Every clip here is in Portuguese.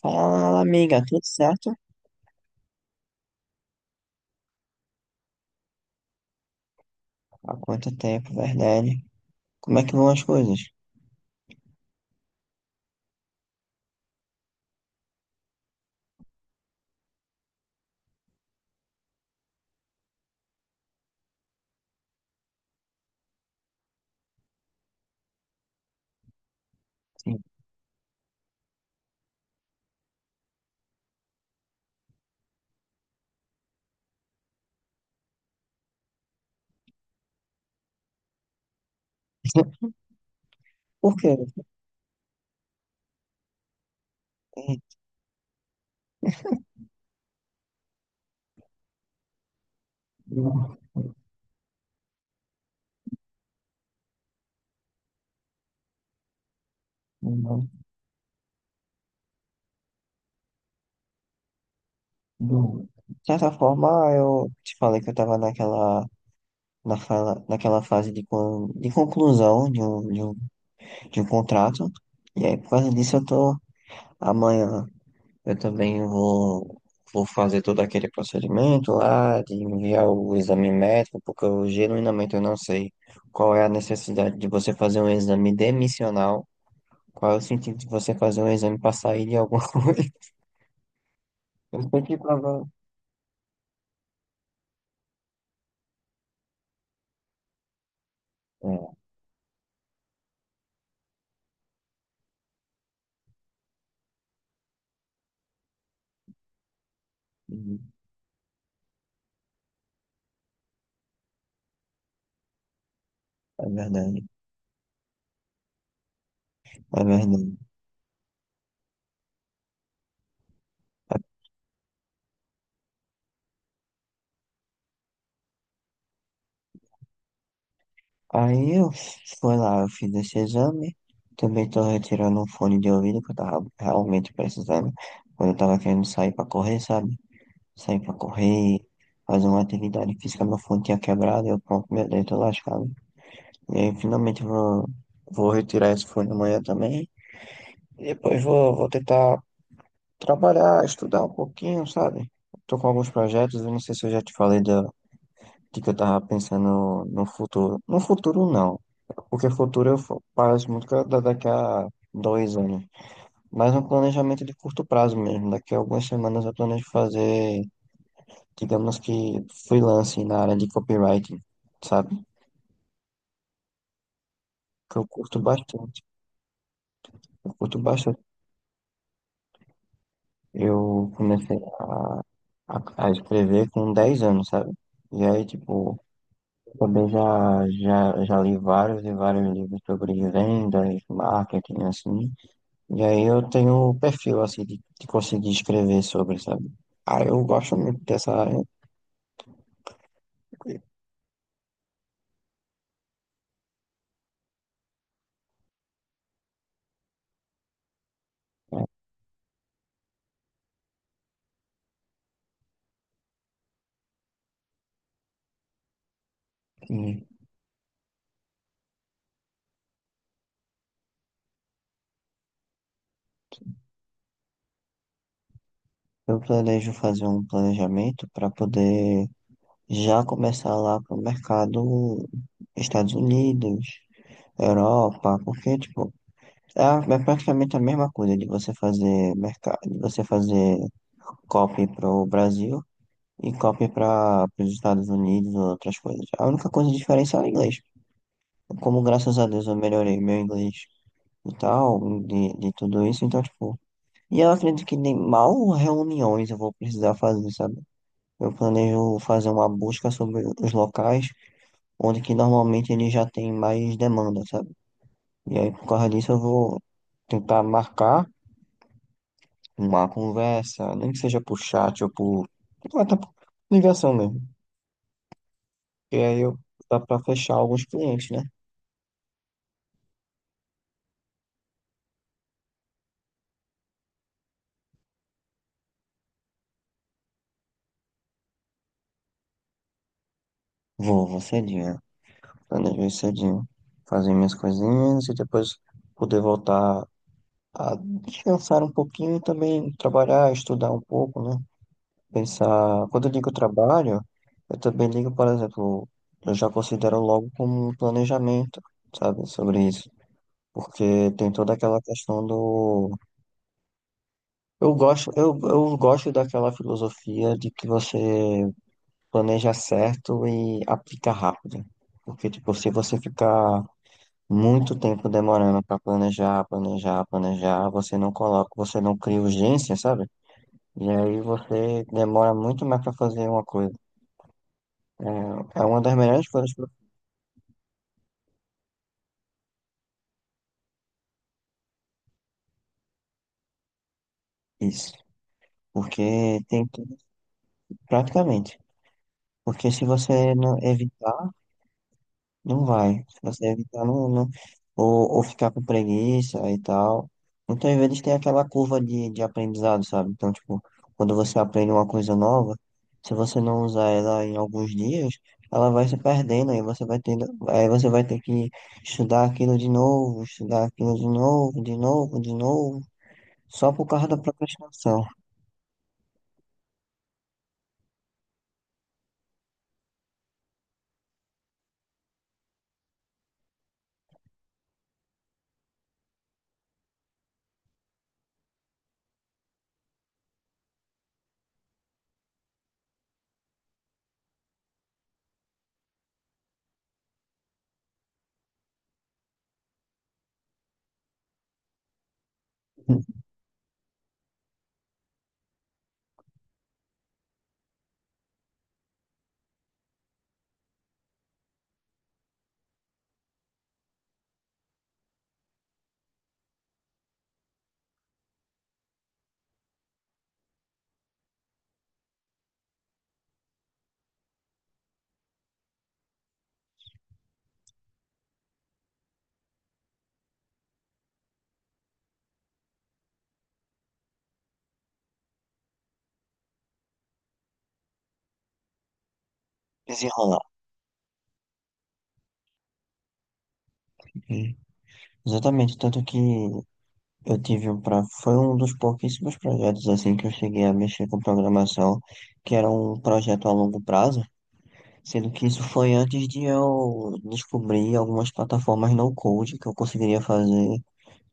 Fala, amiga, tudo certo? Há quanto tempo, verdade? Como é que vão as coisas? Sim. Por quê? É, eu- eu- de certa forma, eu te falei que eu estava naquela fase de conclusão de um contrato. E aí, por causa disso, eu tô. Amanhã eu também vou fazer todo aquele procedimento lá, de enviar o exame médico, porque eu genuinamente eu não sei qual é a necessidade de você fazer um exame demissional, qual é o sentido de você fazer um exame para sair de alguma coisa. Eu tenho que provar. É, uhum, é verdade, é verdade. Aí eu fui lá, eu fiz esse exame. Também tô retirando um fone de ouvido que eu tava realmente precisando. Quando eu tava querendo sair pra correr, sabe? Sair pra correr, fazer uma atividade física, meu fone tinha quebrado, eu pronto, meu dedo tô lascado. E aí finalmente eu vou retirar esse fone amanhã também. E depois vou tentar trabalhar, estudar um pouquinho, sabe? Tô com alguns projetos, eu não sei se eu já te falei da... Tipo, eu tava pensando no futuro. No futuro, não. Porque futuro eu passo muito daqui a 2 anos. Mas um planejamento de curto prazo mesmo. Daqui a algumas semanas eu planejo fazer, digamos que, freelance na área de copywriting, sabe? Que eu curto bastante. Eu curto bastante. Eu comecei a escrever com 10 anos, sabe? E aí, tipo, também já li vários e vários livros sobre vendas, marketing, assim. E aí eu tenho um perfil, assim, de conseguir escrever sobre, sabe? Ah, eu gosto muito dessa área, né? E eu planejo fazer um planejamento para poder já começar lá pro mercado Estados Unidos, Europa, porque, tipo, é, é praticamente a mesma coisa de você fazer mercado, de você fazer copy para o Brasil e copy para os Estados Unidos ou outras coisas. A única coisa diferente é o inglês. Como, graças a Deus, eu melhorei meu inglês e tal, de tudo isso, então, tipo... E eu acredito que nem mal reuniões eu vou precisar fazer, sabe? Eu planejo fazer uma busca sobre os locais onde que normalmente ele já tem mais demanda, sabe? E aí, por causa disso, eu vou tentar marcar uma conversa, nem que seja por chat ou por... ou até por ligação mesmo. E aí eu dá pra fechar alguns clientes, né? Vou cedinho. Planejo ir cedinho. Fazer minhas coisinhas e depois poder voltar a descansar um pouquinho e também trabalhar, estudar um pouco, né? Pensar. Quando eu digo trabalho, eu também digo, por exemplo, eu já considero logo como um planejamento, sabe, sobre isso. Porque tem toda aquela questão do... eu gosto daquela filosofia de que você planeja certo e aplica rápido. Porque, tipo, se você ficar muito tempo demorando para planejar, planejar, planejar, você não coloca, você não cria urgência, sabe? E aí você demora muito mais para fazer uma coisa. É, é uma das melhores coisas para isso. Porque tem que, praticamente. Porque se você não evitar... Não vai. Você deve estar no, ou ficar com preguiça e tal. Então, às vezes, tem aquela curva de aprendizado, sabe? Então, tipo, quando você aprende uma coisa nova, se você não usar ela em alguns dias, ela vai se perdendo, aí você vai tendo, aí você vai ter que estudar aquilo de novo, estudar aquilo de novo, de novo, de novo, só por causa da procrastinação. Desenrolar. Exatamente, tanto que eu tive um pra... Foi um dos pouquíssimos projetos assim que eu cheguei a mexer com programação, que era um projeto a longo prazo, sendo que isso foi antes de eu descobrir algumas plataformas no code que eu conseguiria fazer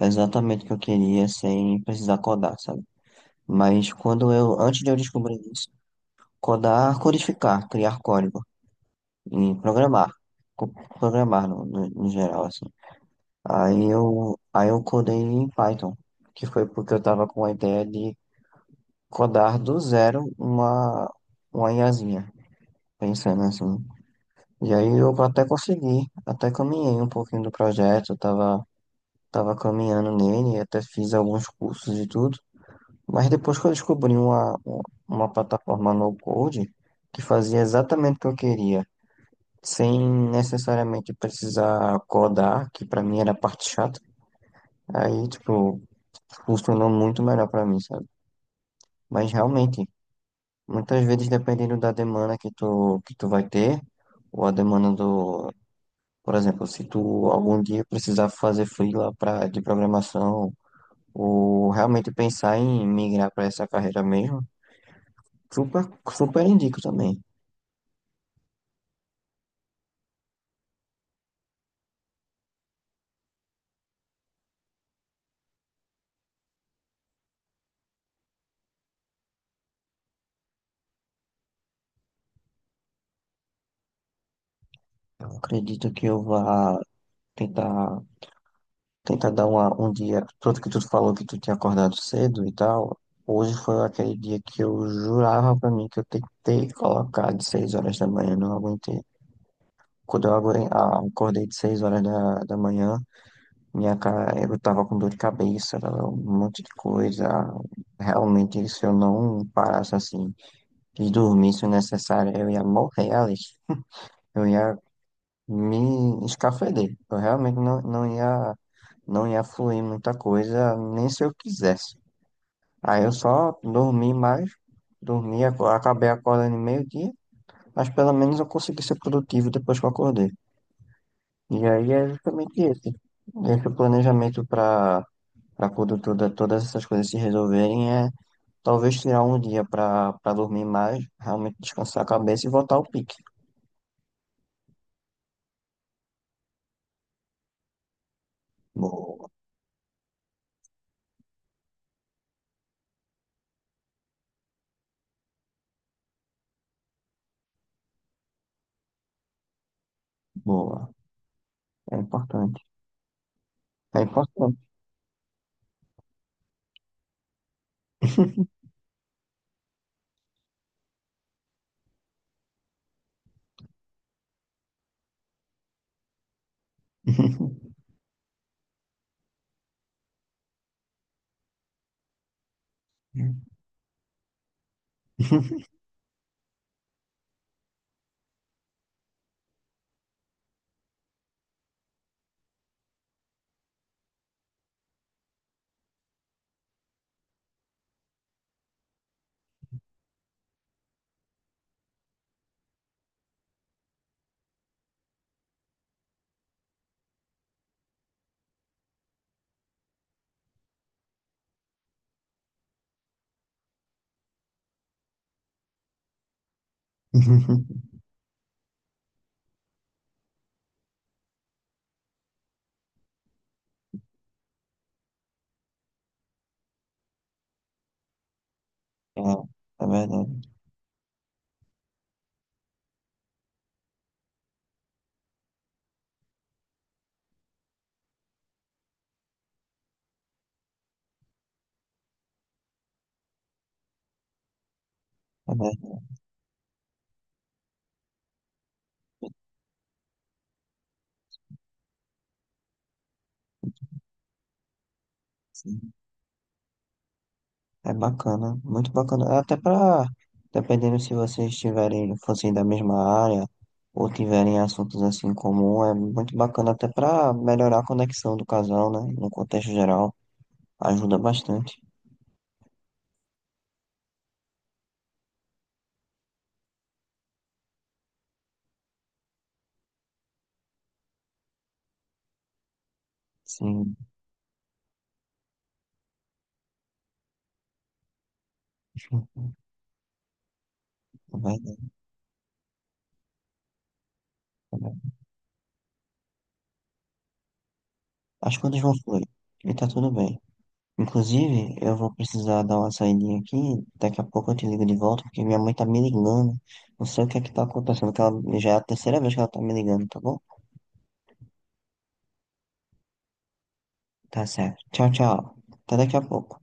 exatamente o que eu queria sem precisar codar, sabe? Mas quando eu, antes de eu descobrir isso, codar, codificar, criar código e programar, co- programar no, no geral assim. Aí eu codei em Python, que foi porque eu tava com a ideia de codar do zero uma IAzinha, pensando assim. E aí eu até consegui, até caminhei um pouquinho do projeto, tava caminhando nele, até fiz alguns cursos e tudo. Mas depois que eu descobri uma plataforma no code que fazia exatamente o que eu queria, sem necessariamente precisar codar, que pra mim era a parte chata, aí, tipo, funcionou muito melhor pra mim, sabe? Mas realmente, muitas vezes, dependendo da demanda que tu vai ter, ou a demanda do, por exemplo, se tu algum dia precisar fazer freela pra, de programação, ou realmente pensar em migrar para essa carreira mesmo, super, super indico também. Eu acredito que eu vá tentar, tentar dar uma, um dia, tanto que tu falou que tu tinha acordado cedo e tal, hoje foi aquele dia que eu jurava pra mim que eu tentei colocar de 6 horas da manhã, não aguentei. Quando eu acordei de 6 horas da manhã, minha cara, eu tava com dor de cabeça, tava um monte de coisa. Realmente, se eu não parasse assim e dormisse o necessário, eu ia morrer ali. Eu ia me escafeder. Eu realmente não ia, não ia fluir muita coisa, nem se eu quisesse. Aí eu só dormi mais, dormi, acabei acordando meio-dia, mas pelo menos eu consegui ser produtivo depois que eu acordei. E aí é justamente esse. Esse planejamento para para quando toda, todas essas coisas se resolverem é talvez tirar um dia para para dormir mais, realmente descansar a cabeça e voltar ao pique. Boa, boa. É importante. É importante. É, é verdade. É verdade. É bacana, muito bacana. É até para, dependendo se vocês tiverem, fossem da mesma área ou tiverem assuntos assim em comum, é muito bacana até para melhorar a conexão do casal, né? No contexto geral, ajuda bastante. Sim, é verdade, é verdade. As coisas vão fluir e tá tudo bem. Inclusive, eu vou precisar dar uma saidinha aqui, daqui a pouco eu te ligo de volta, porque minha mãe tá me ligando. Não sei o que é que tá acontecendo, que ela já é a terceira vez que ela tá me ligando, tá bom? Tá certo. Tchau, tchau. Até daqui a pouco.